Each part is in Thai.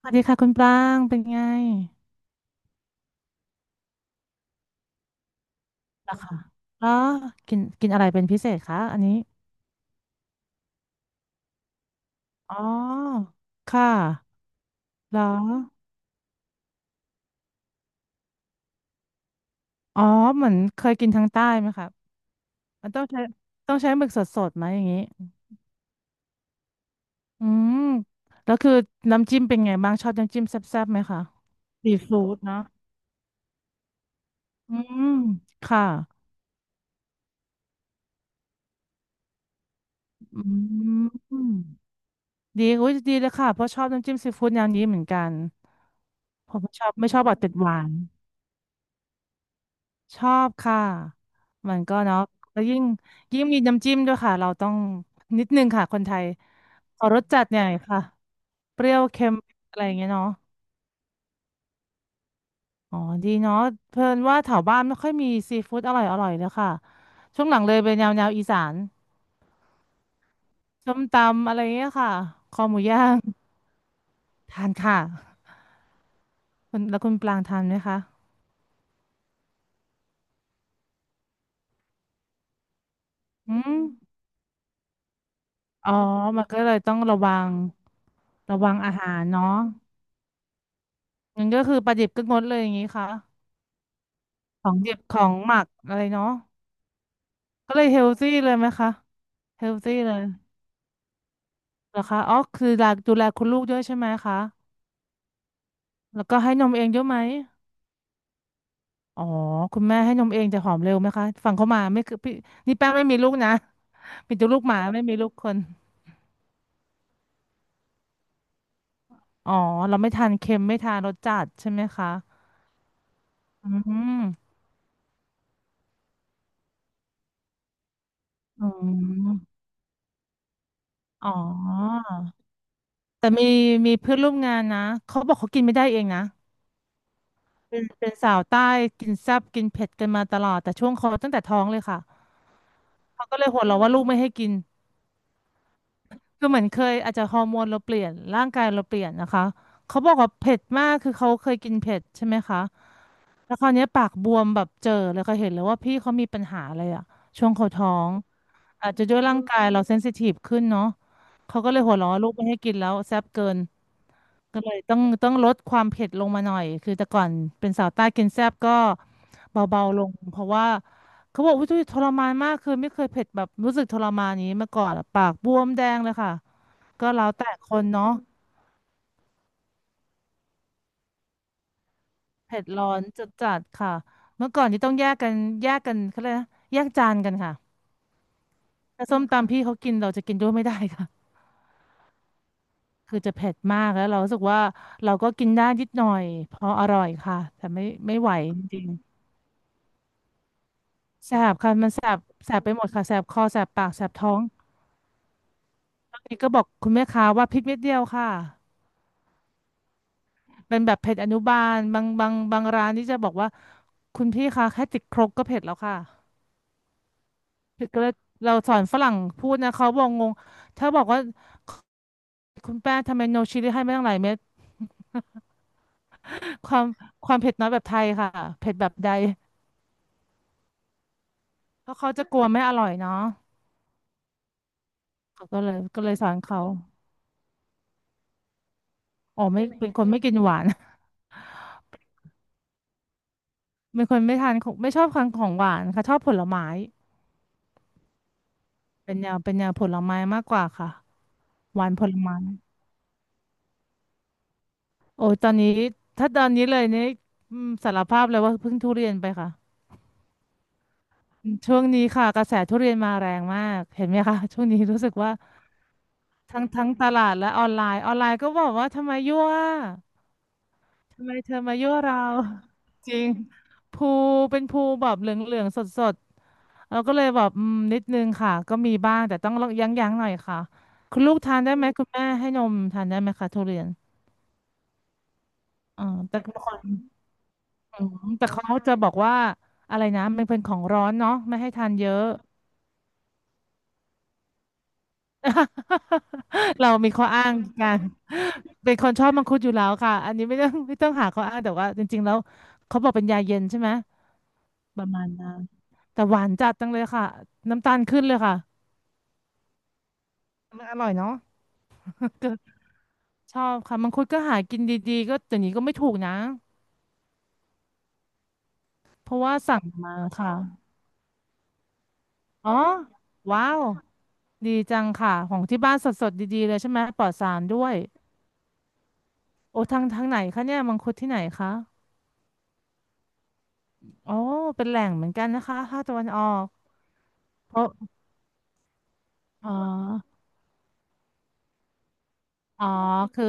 สวัสดีค่ะคุณปรางเป็นไงล่ะค่ะแล้วกินกินอะไรเป็นพิเศษคะอันนี้อ๋อค่ะแล้วอ๋อเหมือนเคยกินทางใต้ไหมคะมันต้องใช้หมึกสดๆไหมอย่างนี้อืมแล้วคือน้ำจิ้มเป็นไงบ้างชอบน้ำจิ้มแซ่บๆไหมคะซีฟู้ดเนาะอืมค่ะอืมดีอุ้ยดีเลยค่ะเพราะชอบน้ำจิ้มซีฟู้ดแนวนี้เหมือนกันผมไม่ชอบแบบติดหวาน ชอบค่ะ มันก็เนาะแล้วยิ่งมีน้ำจิ้มด้วยค่ะ เราต้องนิดนึงค่ะคนไทยขอรสจัดหน่อยค่ะ เปรี้ยวเค็มอะไรอย่างเงี้ยเนาะอ๋อดีเนาะเพิ่นว่าแถวบ้านไม่ค่อยมีซีฟู้ดอร่อยเลยค่ะ ช่วงหลังเลยเป็นแนวอีสานส้มตำอะไรเงี้ยค่ะ คอหมูย่างทานค่ะคุณแล้วคุณปลางทานไหมคะอืมอ๋อมันก็เลยต้องระวังระวังอาหารเนาะงั้นก็คือปลาดิบก็งดเลยอย่างงี้ค่ะ ของดิบของหมักอะไรเนาะก็เลยเฮลซี่เลยไหมคะเฮลซี่เลยเหรอคะอ๋อคือดูแลคุณลูกด้วยใช่ไหมคะแล้วก็ให้นมเองด้วยอะไหมอ๋อคุณแม่ให้นมเองแต่หอมเร็วไหมคะฟังเขามาไม่คือพี่นี่แป้งไม่มีลูกนะ เป็นแต่ลูกหมาไม่มีลูกคนอ๋อเราไม่ทานเค็มไม่ทานรสจัดใช่ไหมคะอืมอืมอ๋อแต่มีมีเพื่อนร่วมงานนะเขาบอกเขากินไม่ได้เองนะ เป็นสาวใต้กินแซ่บกินเผ็ดกันมาตลอดแต่ช่วงเขาตั้งแต่ท้องเลยค่ะเขาก็เลยหัวเราะว่าลูกไม่ให้กินคือเหมือนเคยอาจจะฮอร์โมนเราเปลี่ยนร่างกายเราเปลี่ยนนะคะเขาบอกว่าเผ็ดมากคือเขาเคยกินเผ็ดใช่ไหมคะแล้วคราวเนี้ยปากบวมแบบเจอเลยค่ะเห็นเลยว่าพี่เขามีปัญหาอะไรอะช่วงเขาท้องอาจจะด้วยร่างกายเราเซนซิทีฟขึ้นเนาะเขาก็เลยหัวเราะว่าลูกไม่ให้กินแล้วแซ่บเกิน ก็เลยต้องลดความเผ็ดลงมาหน่อยคือแต่ก่อนเป็นสาวใต้กินแซ่บก็เบาๆลงเพราะว่าเขาบอกว่าทุยทรมานมากคือไม่เคยเผ็ดแบบรู้สึกทรมานยนี้มาก่อนอะปากบวมแดงเลยค่ะก็แล้วแต่คนเนาะเผ็ดร้อนจัดจัดค่ะเมื่อก่อนนี่ต้องแยกกันแยกกันเขาเรียกนะแยกจานกันค่ะถ้าส้มตำพี่เขากินเราจะกินด้วยไม่ได้ค่ะคือจะเผ็ดมากแล้วเรารู้สึกว่าเราก็กินได้นิดหน่อยพออร่อยค่ะแต่ไม่ไหวจริง แสบค่ะมันแสบแสบไปหมดค่ะแสบคอแสบปากแสบท้องตอนนี้ก็บอกคุณแม่ค้าว่าพริกเม็ดเดียวค่ะเป็นแบบเผ็ดอนุบาลบางร้านนี่จะบอกว่าคุณพี่คะแค่ติดครกก็เผ็ดแล้วค่ะก็เลยเราสอนฝรั่งพูดนะเขาบอกงงถ้าบอกว่าคุณแป้ทำไมโนชิลลี่ให้ไม่ตั้งหลายเม็ดความความเผ็ดน้อยแบบไทยค่ะเผ็ดแบบใดเพราะเขาจะกลัวไม่อร่อยเนาะเขาก็เลยสอนเขาอ๋อไม่เป็นคนไม่กินหวานเป็นคนไม่ทานของไม่ชอบทานของหวานค่ะชอบผลไม้ เป็นแนวผลไม้มากกว่าค่ะหวานผลไม้โอ้ยตอนนี้ถ้าตอนนี้เลยนี่อืมสารภาพเลยว่าเพิ่งทุเรียนไปค่ะช่วงนี้ค่ะกระแสทุเรียนมาแรงมากเห็นไหมคะ ช่วงนี้รู้สึกว่าทั้งตลาดและออนไลน์ก็บอกว่าทำไมยั่วทำไมเธอมายั่วเรา จริงภูเป็นภูแบบเหลืองๆสดๆเราก็เลยแบบอืมนิดนึงค่ะก็มีบ้างแต่ต้องยั้งๆหน่อยค่ะคุณลูกทานได้ไหมคุณแม่ให้นมทานได้ไหมคะทุเรียน อออแต่บางคนอืมแต่เขาจะบอกว่าอะไรนะมันเป็นของร้อนเนาะไม่ให้ทานเยอะ เรามีข้ออ้างกันเป็นคนชอบมังคุดอยู่แล้วค่ะอันนี้ไม่ต้องหาข้ออ้างแต่ว่าจริงๆแล้วเขาบอกเป็นยาเย็นใช่ไหมประมาณนั้นแต่หวานจัดจังเลยค่ะน้ำตาลขึ้นเลยค่ะมันอร่อยเนาะ ชอบค่ะมังคุดก็หากินดีๆก็แต่นี้ก็ไม่ถูกนะเพราะว่าสั่งมาค่ะ อ๋อว้าวดีจังค่ะของที่บ้านสดๆดีๆเลยใช่ไหมปลอดสารด้วยโอ้ทางไหนคะเนี่ยมังคุดที่ไหนคะอ๋อเป็นแหล่งเหมือนกันนะคะภาคตะวันออกเพราะอ๋ออ๋อคือ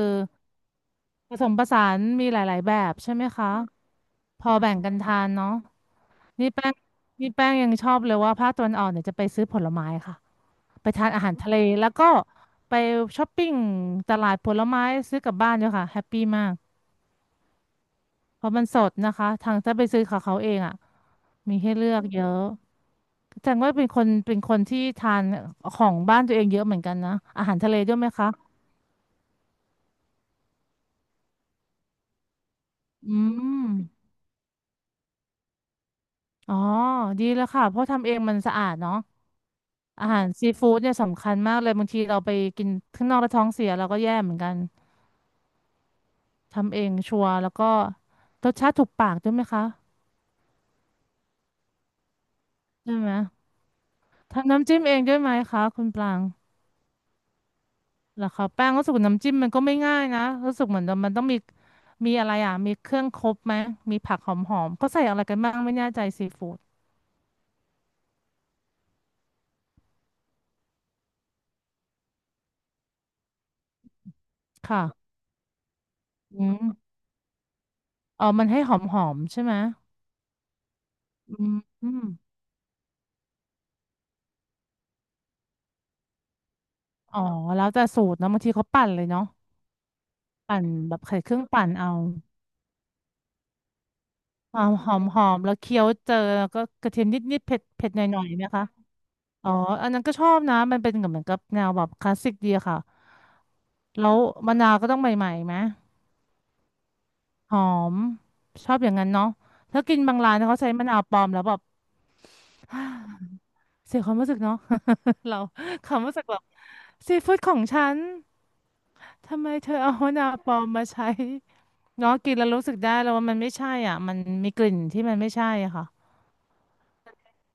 ผสมผสานมีหลายๆแบบใช่ไหมคะพอแบ่งกันทานเนาะนี่แป้งนี่แป้งยังชอบเลยว่าภาคตะวันออกเนี่ยจะไปซื้อผลไม้ค่ะไปทานอาหารทะเลแล้วก็ไปช้อปปิ้งตลาดผลไม้ซื้อกลับบ้านด้วยค่ะแฮปปี้มาก เพราะมันสดนะคะทางถ้าไปซื้อของเขาเองอ่ะมีให้เลือกเยอะแสดงว่าเป็นคนที่ทานของบ้านตัวเองเยอะเหมือนกันนะอาหารทะเลด้วยไหมคะอืมอ๋อดีแล้วค่ะเพราะทำเองมันสะอาดเนาะอาหารซีฟู้ดเนี่ยสำคัญมากเลยบางทีเราไปกินข้างนอกแล้วท้องเสียเราก็แย่เหมือนกันทำเองชัวร์แล้วก็รสชาติถูกปากด้วยไหมคะใช่ไหมทำน้ำจิ้มเองด้วยไหมคะคุณปราง เหรอคะแป้งรู้สึกว่าน้ำจิ้มมันก็ไม่ง่ายนะรู้สึกเหมือนมันต้องมีมีอะไรอ่ะมีเครื่องครบไหมมีผักหอมๆก็ใส่อะไรกันบ้างไม่แน่ใจซีฟู้ดค่ะอืมอ๋อมันให้หอมๆใช่ไหมอืมอมอ๋อแล้วแต่สูตรเนอะบางทีเขาปั่นเลยเนาะปั่นแบบใส่เครื่องปั่นเอาความหอมๆแล้วเคี้ยวเจอแล้วก็กระเทียมนิดๆเผ็ดเผ็ดหน่อยๆไหมคะอ๋ออันนั้นก็ชอบนะมันเป็นเหมือนกับแนวแบบคลาสสิกดีอะค่ะแล้วมะนาวก็ต้องใหม่ๆไหม หอมชอบอย่างนั้นเนาะถ้ากินบางร้านเขาใช้มะนาวปลอมแล้วแบบ เสียความรู้สึกเนาะ เราความรู้สึกแบบซีฟู้ดของฉันทำไมเธอเอามะนาวปลอมมาใช้เนาะกินแล้วรู้สึกได้แล้วว่ามันไม่ใช่อ่ะมันมีกลิ่นที่มันไม่ใช่อะค่ะ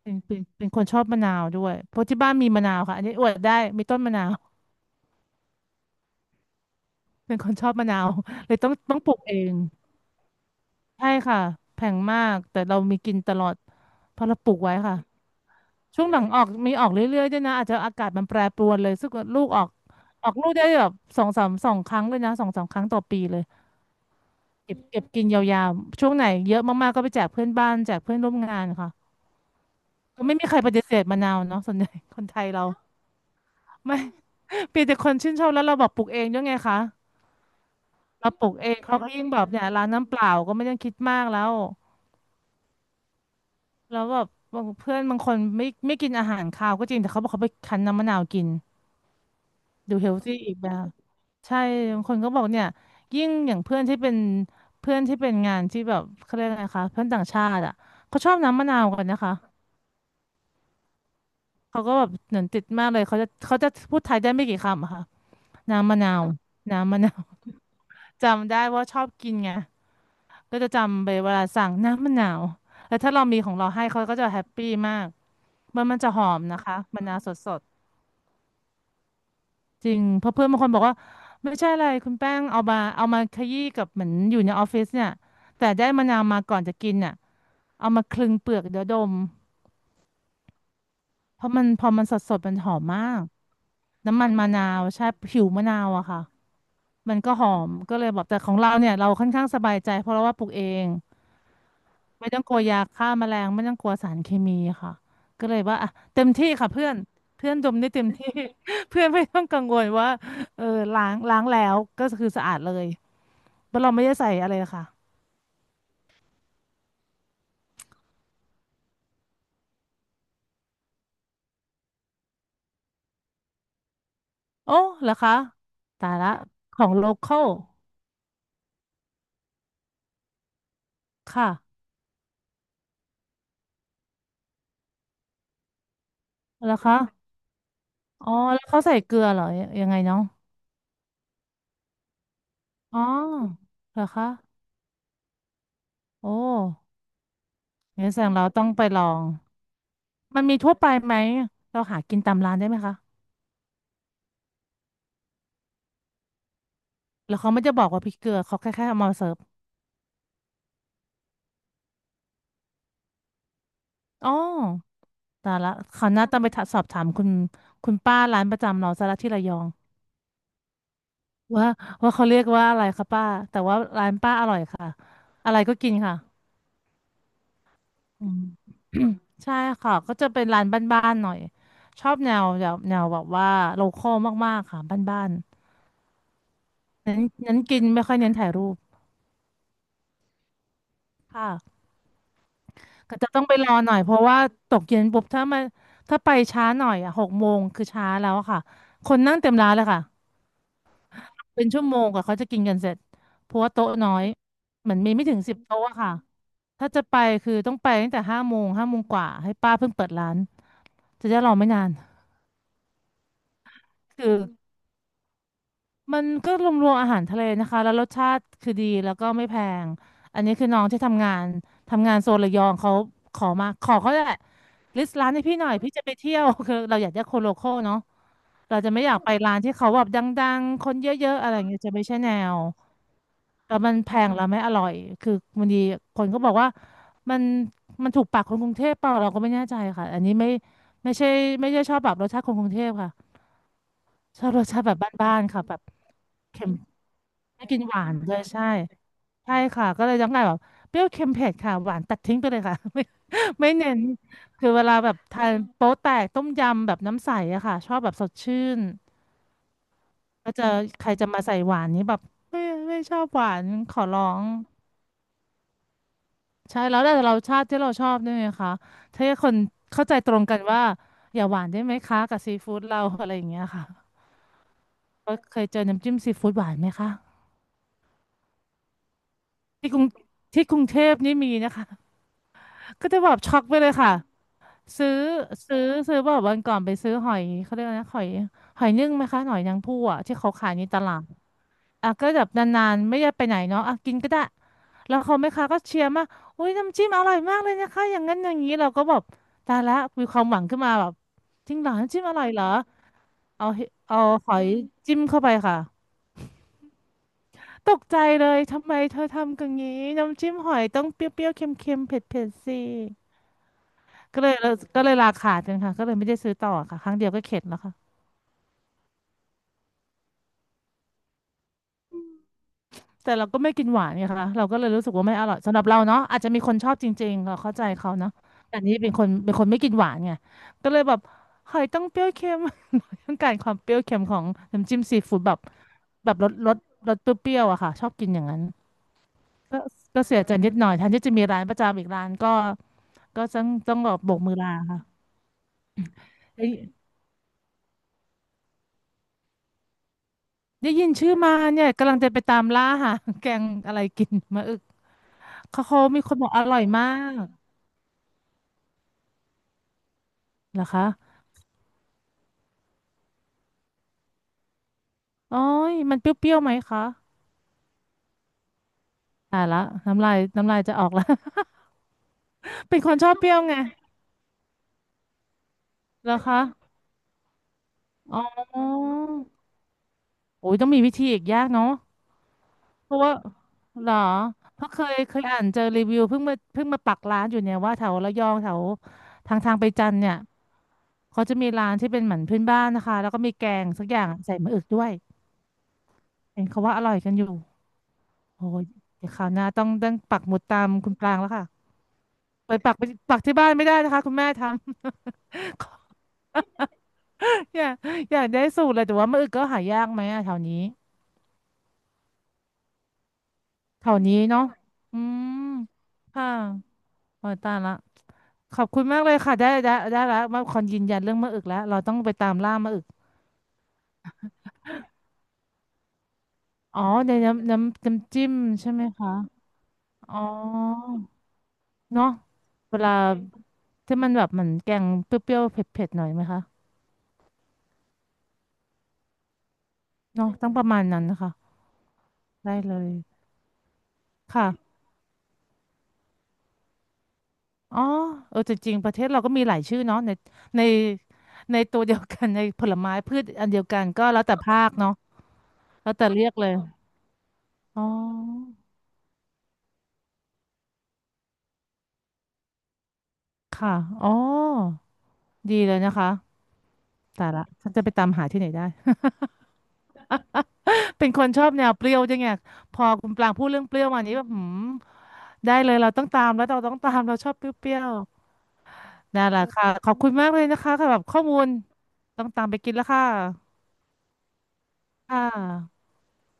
เป็นคนชอบมะนาวด้วยเพราะที่บ้านมีมะนาวค่ะอันนี้อวดได้มีต้นมะนาว เป็นคนชอบมะนาวเลยต้องปลูกเองใช่ค่ะแพงมากแต่เรามีกินตลอดเพราะเราปลูกไว้ค่ะ ช่วงหลังออกมีออกเรื่อยๆด้วยนะอาจจะอากาศมันแปรปรวนเลยซึ่งลูกออกออกลูกได้แบบสองสามสองครั้งเลยนะสองสามครั้งต่อปีเลยเก็บกินยาวๆช่วงไหนเยอะมากๆก็ไปแจกเพื่อนบ้านแจกเพื่อนร่วมงานค่ะก็ไม่มีใครปฏิเสธมะนาวเนาะส่วนใหญ่ คนไทยเราไม่ เีแต่คนชื่นชอบแล้วเราบอกปลูกเองด้วยไงคะเราปลูกเองเขาก็ยิ่งแบบเนี่ยร้านน้ำเปล่าก็ไม่ต้องคิดมากแล้วแล้วแบบบางเพื่อนบางคนไม่กินอาหารคาวก็จริงแต่เขาบอกเขาไปคั้นน้ำมะนาวกิน ดูเฮลตี้อีกแบบใช่บางคนก็บอกเนี่ยยิ่งอย่างเพื่อนที่เป็นเพื่อนที่เป็นงานที่แบบเขาเรียกอะไรคะเพื่อนต่างชาติอ่ะเขาชอบน้ำมะนาวกันนะคะเขาก็แบบเหมือนติดมากเลยเขาจะพูดไทยได้ไม่กี่คำอะค่ะน้ำมะนาวน้ำมะนาว จำได้ว่าชอบกินไงก็จะจำไปเวลาสั่งน้ำมะนาวแล้วถ้าเรามีของเราให้เขาก็จะแฮปปี้มากมันจะหอมนะคะมะนาวสด จริงเพราะเพื่อนบางคนบอกว่าไม่ใช่อะไรคุณแป้งเอามาขยี้กับเหมือนอยู่ในออฟฟิศเนี่ยแต่ได้มะนาวมาก่อนจะกินเนี่ยเอามาคลึงเปลือกเดี๋ยวดมเพราะมันพอมันสดมันหอมมากน้ำมันมะนาวใช่ผิวมะนาวอะค่ะมันก็หอมก็เลยบอกแต่ของเราเนี่ยเราค่อนข้างสบายใจเพราะเราว่าปลูกเอง ไม่ต้องกลัวยาฆ่าแมลงไม่ต้องกลัวสารเคมีค่ะก็เลยว่าอ่ะเต็มที่ค่ะเพื่อนเพื่อนดมได้เต็มที่ เพื่อนไม่ต้องกังวลว่าเออล้างแล้วก็คือสะอาดเลยเพราะเราไม่ได้ใส่อะไรเลยค่ะโอ้เหรอคะตายละของโลคอลค่ะเหรอคะอ๋อแล้วเขาใส่เกลือเหรอยังไงเนาะอ๋อเหรอคะโอ้งั้นแสดงเราต้องไปลองมันมีทั่วไปไหมเราหากินตามร้านได้ไหมคะแล้วเขาไม่จะบอกว่าพริกเกลือเขาแค่เอามาเสิร์ฟ อ๋อแต่ละเขาวหน้าต้องไปถาสอบถามคุณป้าร้านประจำเราซะละที่ระยองว่าว่าเขาเรียกว่าอะไรคะป้าแต่ว่าร้านป้าอร่อยค่ะอะไรก็กินค่ะอืม ใช่ค่ะก็จะเป็นร้านบ้านๆหน่อยชอบแนวแบบว่าโลคอลมากๆค่ะบ้านๆนั้นกินไม่ค่อยเน้นถ่ายรูปค่ะก็จะต้องไปรอหน่อยเพราะว่าตกเย็นปุ๊บถ้ามาถ้าไปช้าหน่อยอ่ะหกโมงคือช้าแล้วอะค่ะคนนั่งเต็มร้านเลยค่ะ เป็นชั่วโมงกว่าเขาจะกินกันเสร็จเพราะว่าโต๊ะน้อยเหมือนมีไม่ถึงสิบโต๊ะอะค่ะถ้าจะไปคือต้องไปตั้งแต่ห้าโมงห้าโมงกว่าให้ป้าเพิ่งเปิดร้านจะได้รอไม่นานคือมันก็รวมๆอาหารทะเลนะคะแล้วรสชาติคือดีแล้วก็ไม่แพงอันนี้คือน้องที่ทำงานทำงานโซนระยองเขาขอมาขอเขาแหละลิสต์ร้านให้พี่หน่อยพี่จะไปเที่ยว คือเราอยากได้คนโลคอลเนาะเราจะไม่อยากไปร้านที่เขาแบบดังๆคนเยอะๆอะไรอย่างเงี้ยจะไม่ใช่แนว แต่มันแพงแล้วไม่อร่อย คือบางทีคนก็บอกว่ามันมันถูกปากคนกรุงเทพเปล่าเราก็ไม่แน่ใจค่ะ อันนี้ไม่ใช่ไม่ใช่ชอบแบบรสชาติคนกรุงเทพค่ะ ชอบรสชาติแบบบ้านๆค่ะแบบเค็มไม่กินหวานเลยใช่ใช่ค่ะก็เลยต้องการแบบเปรี้ยวเค็มเผ็ดค่ะหวานตัดทิ้งไปเลยค่ะ ไม่เน้นคือเวลาแบบทานโป๊แตกต้มยำแบบน้ำใสอะค่ะชอบแบบสดชื่นก็จะใครจะมาใส่หวานนี้แบบไม่ไม่ชอบหวานขอร้อง ใช่แล้วแต่เราชาติที่เราชอบด้วยไหมคะถ้าคนเข้าใจตรงกันว่าอย่าหวานได้ไหมคะกับซีฟู้ดเราอะไรอย่างเงี้ยค่ะก็เคยเจอน้ำจิ้มซีฟู้ดหวานไหมคะที่กรุงที่กรุงเทพนี่มีนะคะก็จะแบบช็อกไปเลยค่ะซื้อซื้อแบบวันก่อนไปซื้อหอยเขาเรียกอะไรนะหอยหอยนึ่งไหมคะหอยนางผู้อะที่เขาขายในตลาด อ่ะก็แบบนานๆไม่ได้ไปไหนเนาะอ่ะกินก็ได้แล้วเขาแม่ค้าก็เชียร์มากอุ้ยน้ำจิ้มอร่อยมากเลยนะคะอย่างนั้นอย่างนี้เราก็แบบตายละมีความหวังขึ้นมาแบบจริงเหรอน้ำจิ้มอร่อยเหรอเอาเฮเอาหอยจิ้มเข้าไปค่ะตกใจเลยทำไมเธอทำกันงี้น้ำจิ้มหอยต้องเปรี้ยวๆเค็มๆเผ็ดๆสิก็เลยก็เลยราขาดกันค่ะก็เลยไม่ได้ซื้อต่อค่ะครั้งเดียวก็เข็ดแล้วค่ะ แต่เราก็ไม่กินหวานไงคะเราก็เลยรู้สึกว่าไม่อร่อยสำหรับเราเนาะอาจจะมีคนชอบจริงๆเราเข้าใจเขาเนาะแต่นี่เป็นคนเป็นคนไม่กินหวานไงก็เลยแบบหอยต้องเปรี้ยวเค็ม ต้องการความเปรี้ยวเค็มของน้ำจิ้มซีฟู้ดแบบแบบรสเปรี้ยวๆอะค่ะชอบกินอย่างนั้นก็ก็เสียใจนิดหน่อยแทนที่จะมีร้านประจำอีกร้านก็ต้องแบบโบกมือลาค่ะได้ได้ยินชื่อมาเนี่ยกำลังจะไปตามล่าหาแกงอะไรกินมาอึกเขามีคนบอกอร่อยมากเหรอคะ โอ้ยมันเปรี้ยวๆไหมคะตายละน้ำลายน้ำลายจะออกแล้ว เป็นคนชอบเปรี้ยวไงเหรอคะอ๋อโอ้ยต้องมีวิธีอีกยากเนาะเพราะว่าเหรอเพราะเคยอ่านเจอรีวิวเพิ่งมาปักร้านอยู่เนี่ยว่าแถวระยองแถวทางไปจันทร์เนี่ยเขาจะมีร้านที่เป็นเหมือนพื้นบ้านนะคะแล้วก็มีแกงสักอย่างใส่มะอึกด้วยเห็นเขาว่าอร่อยกันอยู่โอ้ยเดี๋ยวคราวหน้าต้องปักหมุดตามคุณปรางแล้วค่ะไปปักไปปักที่บ้านไม่ได้นะคะคุณแม่ทำ อยากอยากได้สูตรเลยแต่ว่ามือึก็หายากไหมอะแถวนี้แถวนี้เนาะอืมค่ะโอ้ยตายละขอบคุณมากเลยค่ะได้ได้ได้แลวมาคอนยืนยันเรื่องมะอึกแล้วเราต้องไปตามล่ามะอึกอ๋อในน้ำจิ้มใช่ไหมคะอ๋อเนาะเวลาที่มันแบบเหมือนแกงเปรี้ยวๆเผ็ดๆหน่อยไหมคะเนาะต้องประมาณนั้นนะคะได้เลยค่ะ อ๋อเออจริงๆประเทศเราก็มีหลายชื่อเนาะในในตัวเดียวกัน ในผลไม้พืชอันเดียวกันก็แล้วแต่ภาคเนาะแล้วแต่เรียกเลยอ๋อค่ะอ๋อดีเลยนะคะแต่ละฉันจะไปตามหาที่ไหนได้ เป็นคนชอบแนวเปรี้ยวจังไงพอคุณปรางพูดเรื่องเปรี้ยวมานี้แบบหืมได้เลยเราต้องตามแล้วเราต้องตามเราชอบเปรี้ยวๆนั่นแหละค่ะขอบคุณมากเลยนะคะสำหรับข้อมูลต้องตามไปกินแล้วค่ะค่ะ